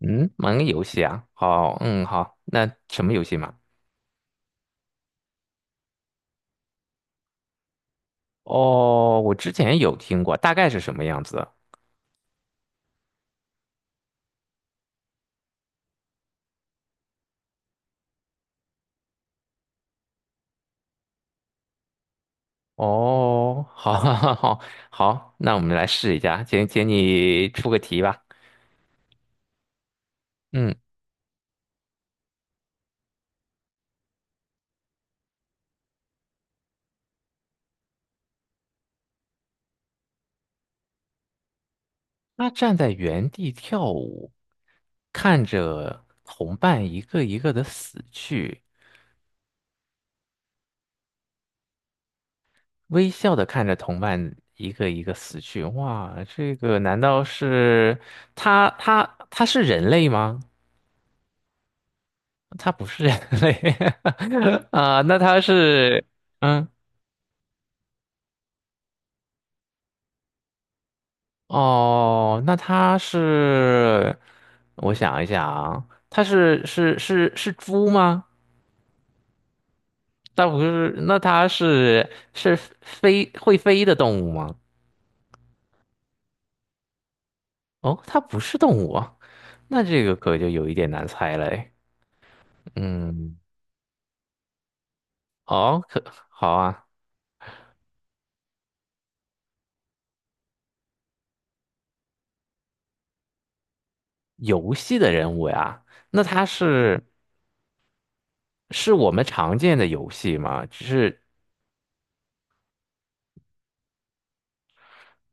嗯，玩个游戏啊，好，嗯，好，那什么游戏嘛？哦，我之前有听过，大概是什么样子？哦，好，好，好，好，那我们来试一下，请你出个题吧。嗯，他站在原地跳舞，看着同伴一个一个的死去，微笑的看着同伴一个一个死去。哇，这个难道是他？他是人类吗？它不是人类 啊，那它是，嗯，哦，那它是，我想一想啊，它是猪吗？它不是，那它是会飞的动物吗？哦，它不是动物啊，那这个可就有一点难猜了诶。嗯，哦，好啊，游戏的人物呀，那它是我们常见的游戏吗？只是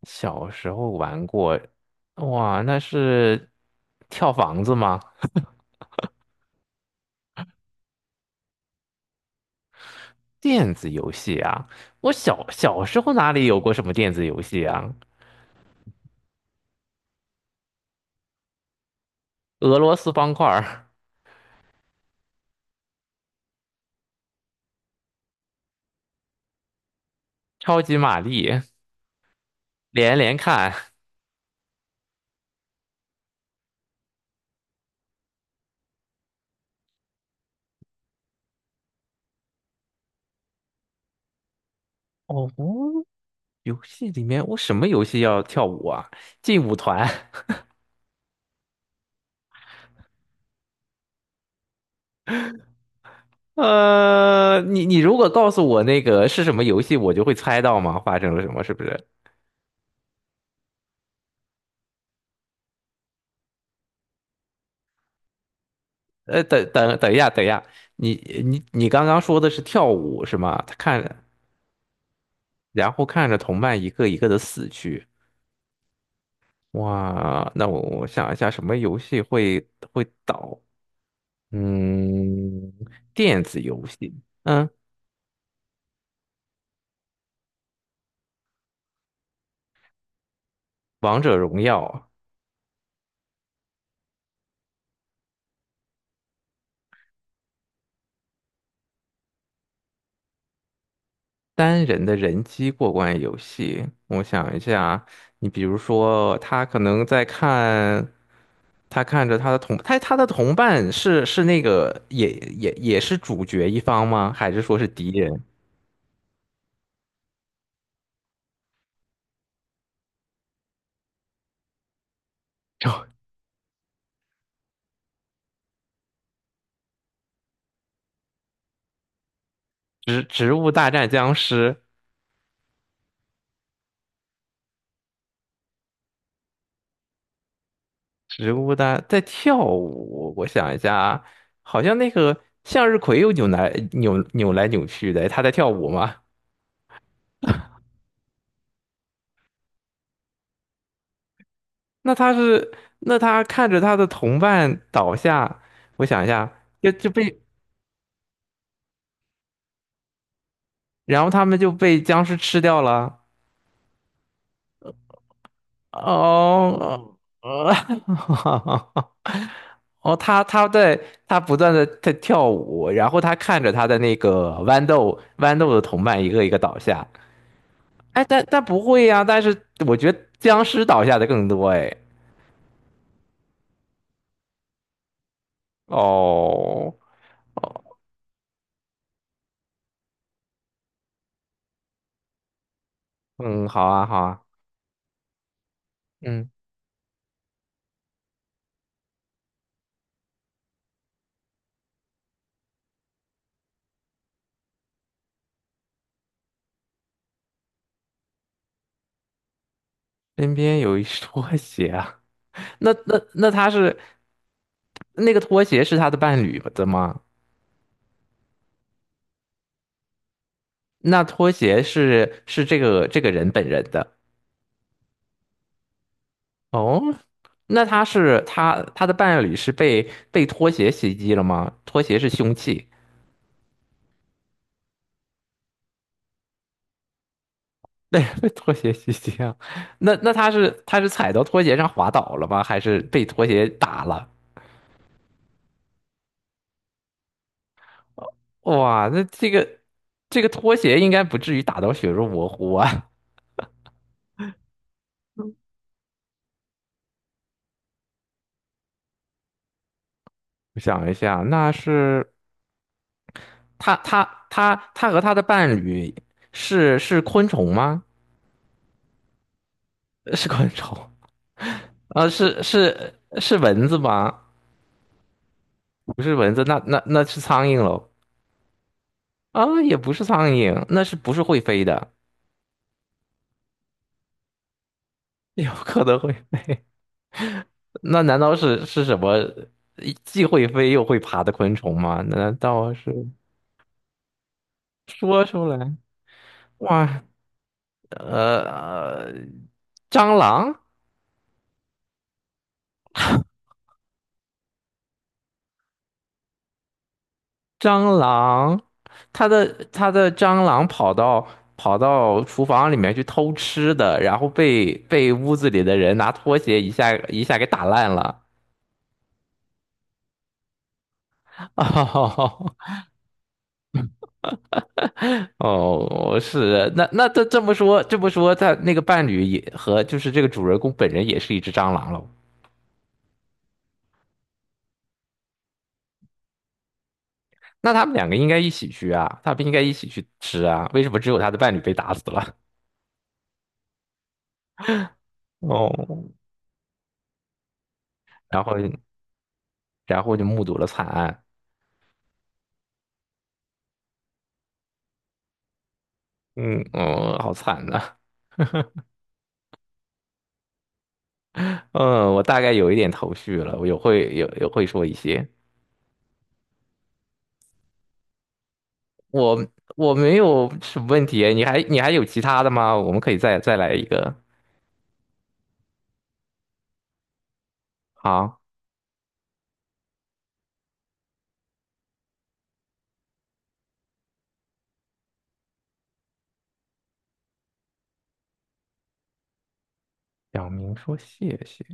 小时候玩过，哇，那是跳房子吗？电子游戏啊，我小时候哪里有过什么电子游戏啊？俄罗斯方块儿、超级玛丽、连连看。哦，游戏里面我什么游戏要跳舞啊？劲舞团。你如果告诉我那个是什么游戏，我就会猜到吗？发生了什么，是不是？等一下，等一下，你你刚刚说的是跳舞是吗？他看。然后看着同伴一个一个的死去。哇，那我想一下，什么游戏会倒？嗯，电子游戏，嗯，王者荣耀，单人的人机过关游戏。我想一下，你比如说，他可能在看，他看着他的同，他他的同伴是那个也是主角一方吗？还是说是敌人？就植物大战僵尸。植物的在跳舞，我想一下啊，好像那个向日葵又扭来扭去的，它在跳舞吗？那它是，那他看着他的同伴倒下，我想一下，就就被，然后他们就被僵尸吃掉了。哦，呃 哦，他不断的在跳舞，然后他看着他的那个豌豆的同伴一个一个倒下，哎，但不会呀、但是我觉得僵尸倒下的更多哎。哦，嗯，好啊，好啊，嗯，身边有一拖鞋啊，那那那他是那个拖鞋是他的伴侣的吗？那拖鞋是这个人本人的。哦，那他的伴侣是被拖鞋袭击了吗？拖鞋是凶器，对，被拖鞋袭击啊，那他是踩到拖鞋上滑倒了吗？还是被拖鞋打了？哇，那这个拖鞋应该不至于打到血肉模糊啊！我想一下，那是他他他和他的伴侣是昆虫吗？是昆虫啊，是蚊子吗？不是蚊子，那是苍蝇喽？啊，也不是苍蝇，那是不是会飞的？有可能会，那难道是什么既会飞又会爬的昆虫吗？难道是说出来？哇，呃，蟑螂，蟑螂，它的蟑螂跑到厨房里面去偷吃的，然后被屋子里的人拿拖鞋一下一下给打烂了。哦哦是，那这么说，他那个伴侣也和就是这个主人公本人也是一只蟑螂喽。那他们两个应该一起去啊，他们应该一起去吃啊，为什么只有他的伴侣被打死了？哦，然后。然后。就目睹了惨案。嗯嗯，好惨呐、嗯，我大概有一点头绪了，我有会有有会说一些。我我没有什么问题，你还有其他的吗？我们可以再来一个。好，小明说谢谢。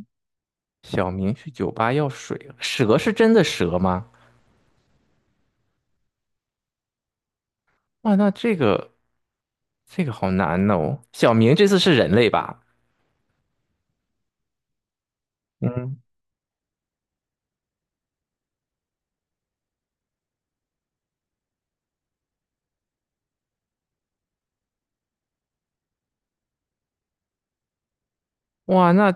小明去酒吧要水了蛇是真的蛇吗？哇，那这个好难哦。小明这次是人类吧？嗯，哇，那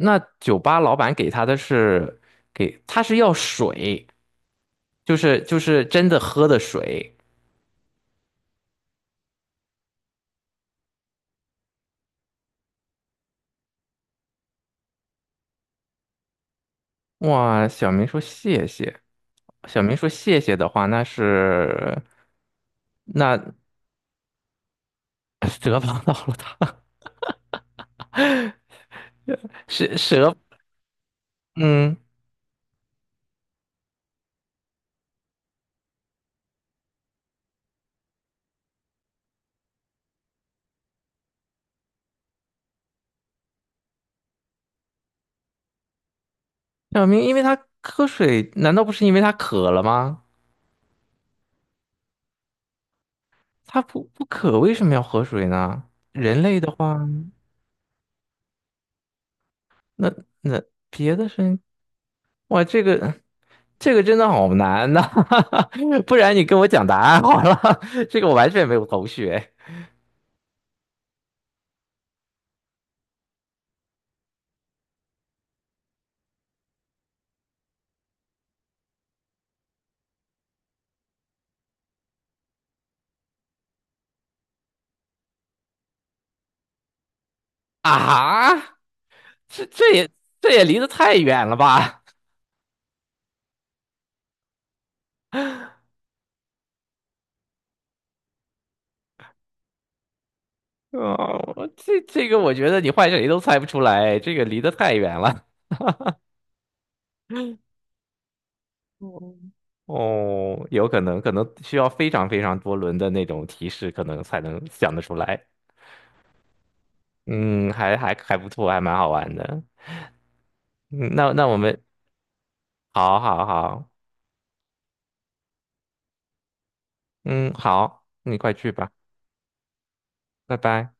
那酒吧老板给他的是给他是要水，就是真的喝的水。哇，小明说谢谢。小明说谢谢的话，那是那 蛇帮到了他。蛇，嗯，小明因为他喝水，难道不是因为他渴了吗？他不渴，为什么要喝水呢？人类的话，那那别的生，哇，这个真的好难呐、不然你跟我讲答案好了，这个我完全没有头绪哎啊！这这也这也离得太远了吧 哦，我这这个我觉得你换谁都猜不出来，这个离得太远了。哦，有可能需要非常非常多轮的那种提示，可能才能想得出来。嗯，还不错，还蛮好玩的。嗯，那那好好好，嗯，好，你快去吧，拜拜。